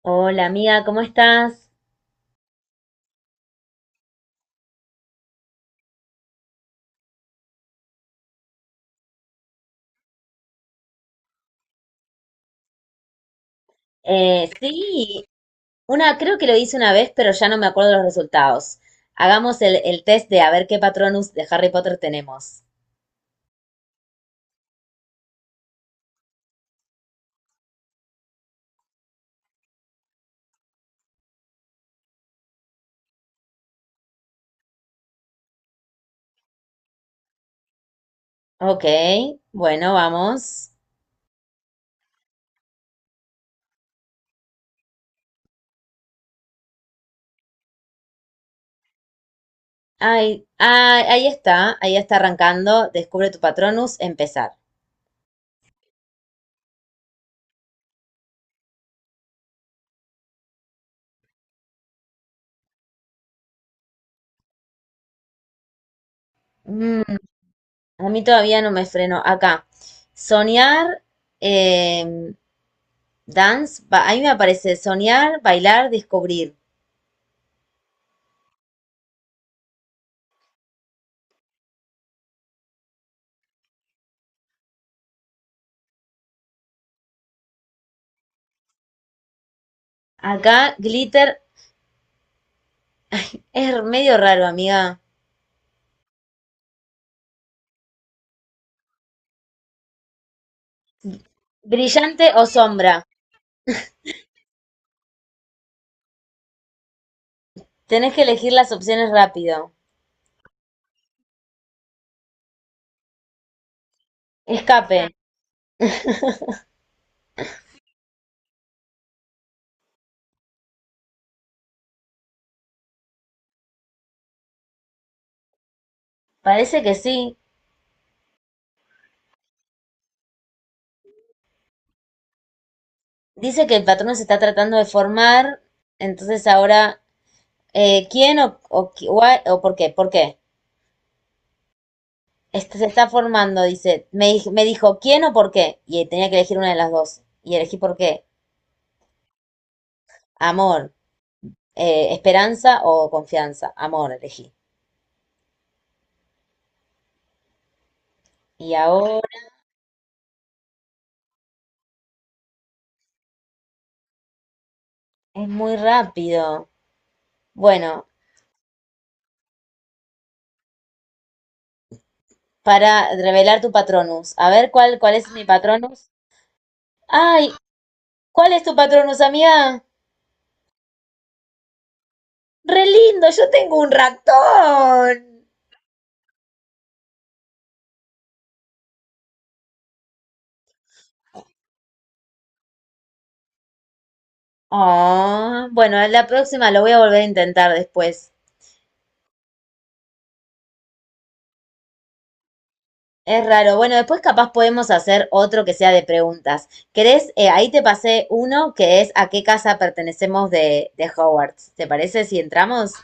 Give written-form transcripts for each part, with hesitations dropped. Hola amiga, ¿cómo estás? Sí, una, creo que lo hice una vez, pero ya no me acuerdo los resultados. Hagamos el test de a ver qué Patronus de Harry Potter tenemos. Ok, bueno, vamos. Ay, ahí está arrancando. Descubre tu Patronus, empezar. Mm, a mí todavía no me freno. Acá. Soñar, eh, dance, ahí me aparece soñar, bailar, descubrir. Acá, glitter, es medio raro, amiga. Brillante o sombra. Tenés que elegir las opciones rápido. Escape. Parece que sí. Dice que el patrón se está tratando de formar. Entonces ahora, ¿quién o por qué? ¿Por qué? Este se está formando, dice. Me dijo, ¿quién o por qué? Y tenía que elegir una de las dos. Y elegí por qué. Amor, esperanza o confianza. Amor, elegí. Y ahora es muy rápido. Bueno, para revelar tu patronus. A ver cuál es mi patronus. Ay, ¿cuál es tu patronus, amiga? Re lindo, yo tengo un ratón. Oh, bueno, la próxima lo voy a volver a intentar después. Es raro. Bueno, después capaz podemos hacer otro que sea de preguntas. ¿Querés? Ahí te pasé uno que es ¿a qué casa pertenecemos de Hogwarts? ¿Te parece si entramos?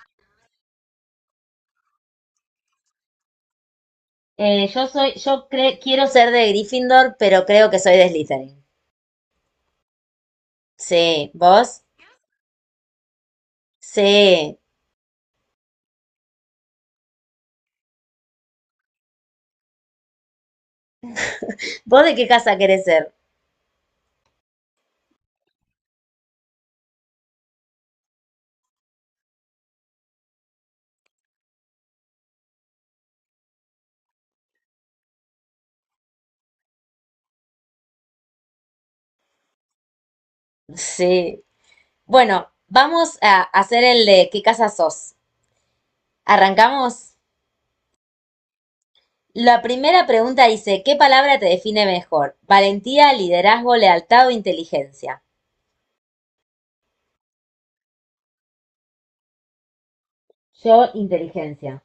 Yo soy, yo cre- quiero ser de Gryffindor, pero creo que soy de Slytherin. Sí, ¿vos? Sí. ¿Vos de qué casa querés ser? Sí. Bueno, vamos a hacer el de ¿qué casa sos? ¿Arrancamos? La primera pregunta dice, ¿qué palabra te define mejor? Valentía, liderazgo, lealtad o inteligencia. Yo, inteligencia.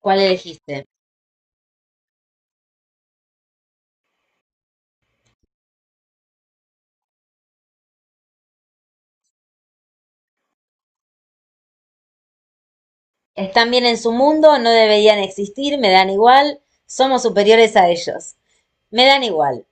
¿Cuál elegiste? Están bien en su mundo, no deberían existir, me dan igual, somos superiores a ellos. Me dan igual,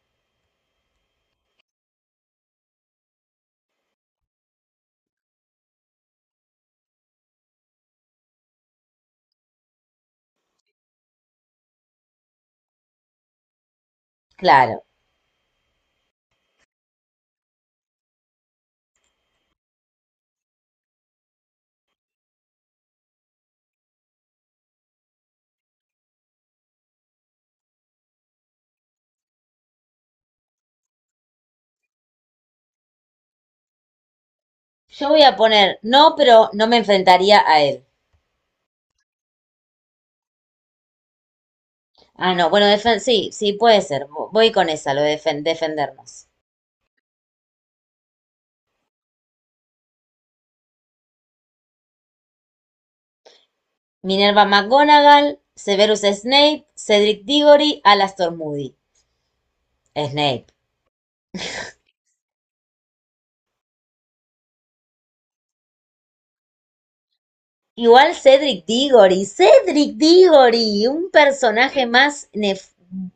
claro. Yo voy a poner no, pero no me enfrentaría a él. Ah, no, bueno, sí, sí, puede ser. Voy con esa, lo de defendernos. Minerva McGonagall, Severus Snape, Cedric Diggory, Alastor Moody. Snape. Igual Cedric Diggory, Cedric Diggory, un personaje más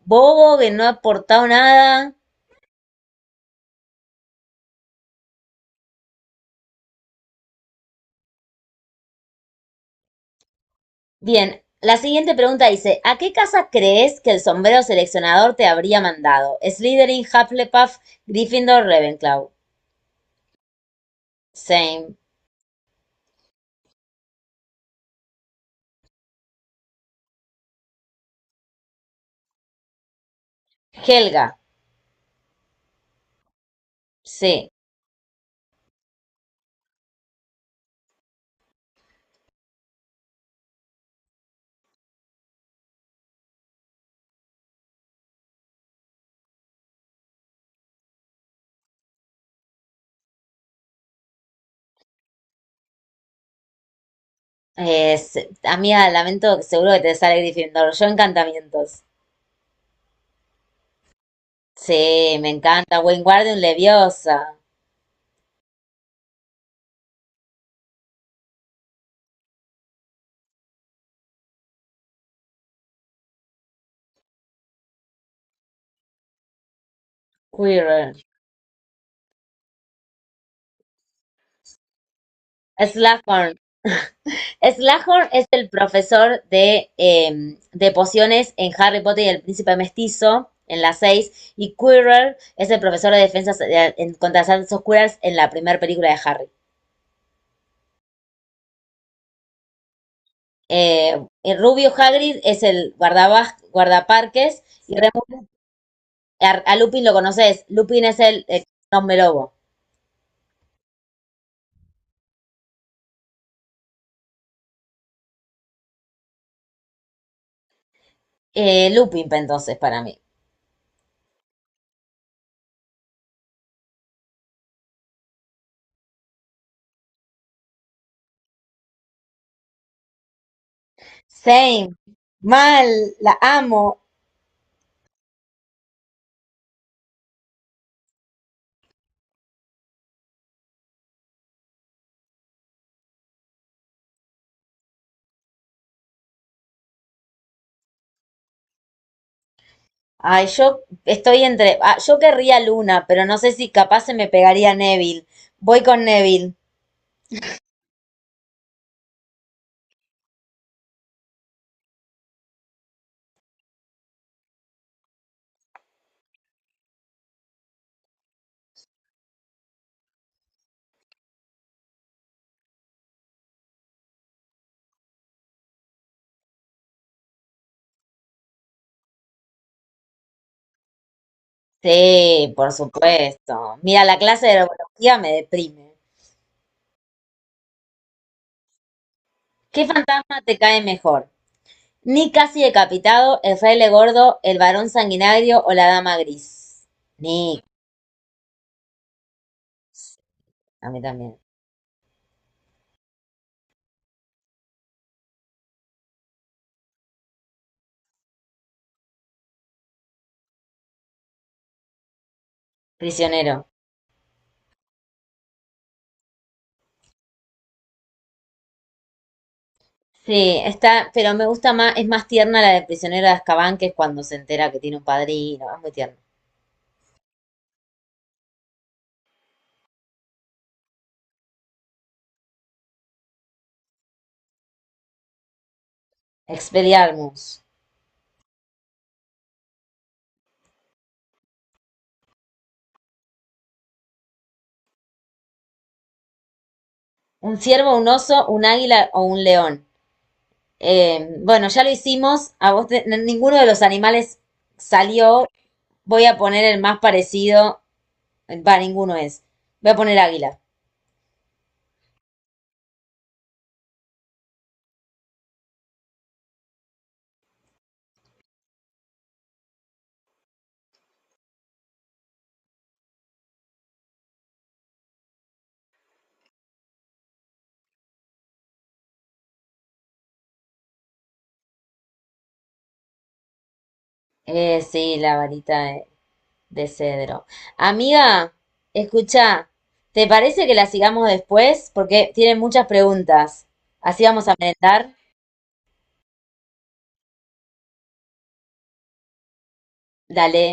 bobo que no ha aportado nada. Bien, la siguiente pregunta dice, ¿a qué casa crees que el sombrero seleccionador te habría mandado? Slytherin, Hufflepuff, Gryffindor, Ravenclaw. Same. Helga, sí. Es, amiga, lamento, seguro que te sale Gryffindor. Yo encantamientos. Sí, me encanta. Wingardium Leviosa. Quirrell. Slughorn. Slughorn es el profesor de pociones en Harry Potter y el Príncipe Mestizo, en la seis. Y Quirrell es el profesor de contra las artes oscuras en la primera película de Harry. Y Rubio Hagrid es el guardaparques. Y a Lupin lo conoces. Lupin es el hombre lobo. Lupin, pa, entonces, para mí. Same. Mal, la amo. Ay, yo estoy entre. Ah, yo querría Luna, pero no sé si capaz se me pegaría Neville. Voy con Neville. Sí, por supuesto. Mira, la clase de herbología me deprime. ¿Qué fantasma te cae mejor? Nick casi decapitado, el fraile gordo, el varón sanguinario o la dama gris. Nick, a mí también. Prisionero. Sí, está, pero me gusta más, es más tierna la de prisionero de Azkaban, que es cuando se entera que tiene un padrino. Es muy tierna. Expelliarmus. Un ciervo, un oso, un águila o un león. Bueno, ya lo hicimos. A vos te- ninguno de los animales salió. Voy a poner el más parecido. Va, ninguno es. Voy a poner águila. Sí, la varita de cedro. Amiga, escucha, ¿te parece que la sigamos después? Porque tienen muchas preguntas. Así vamos a merendar. Dale.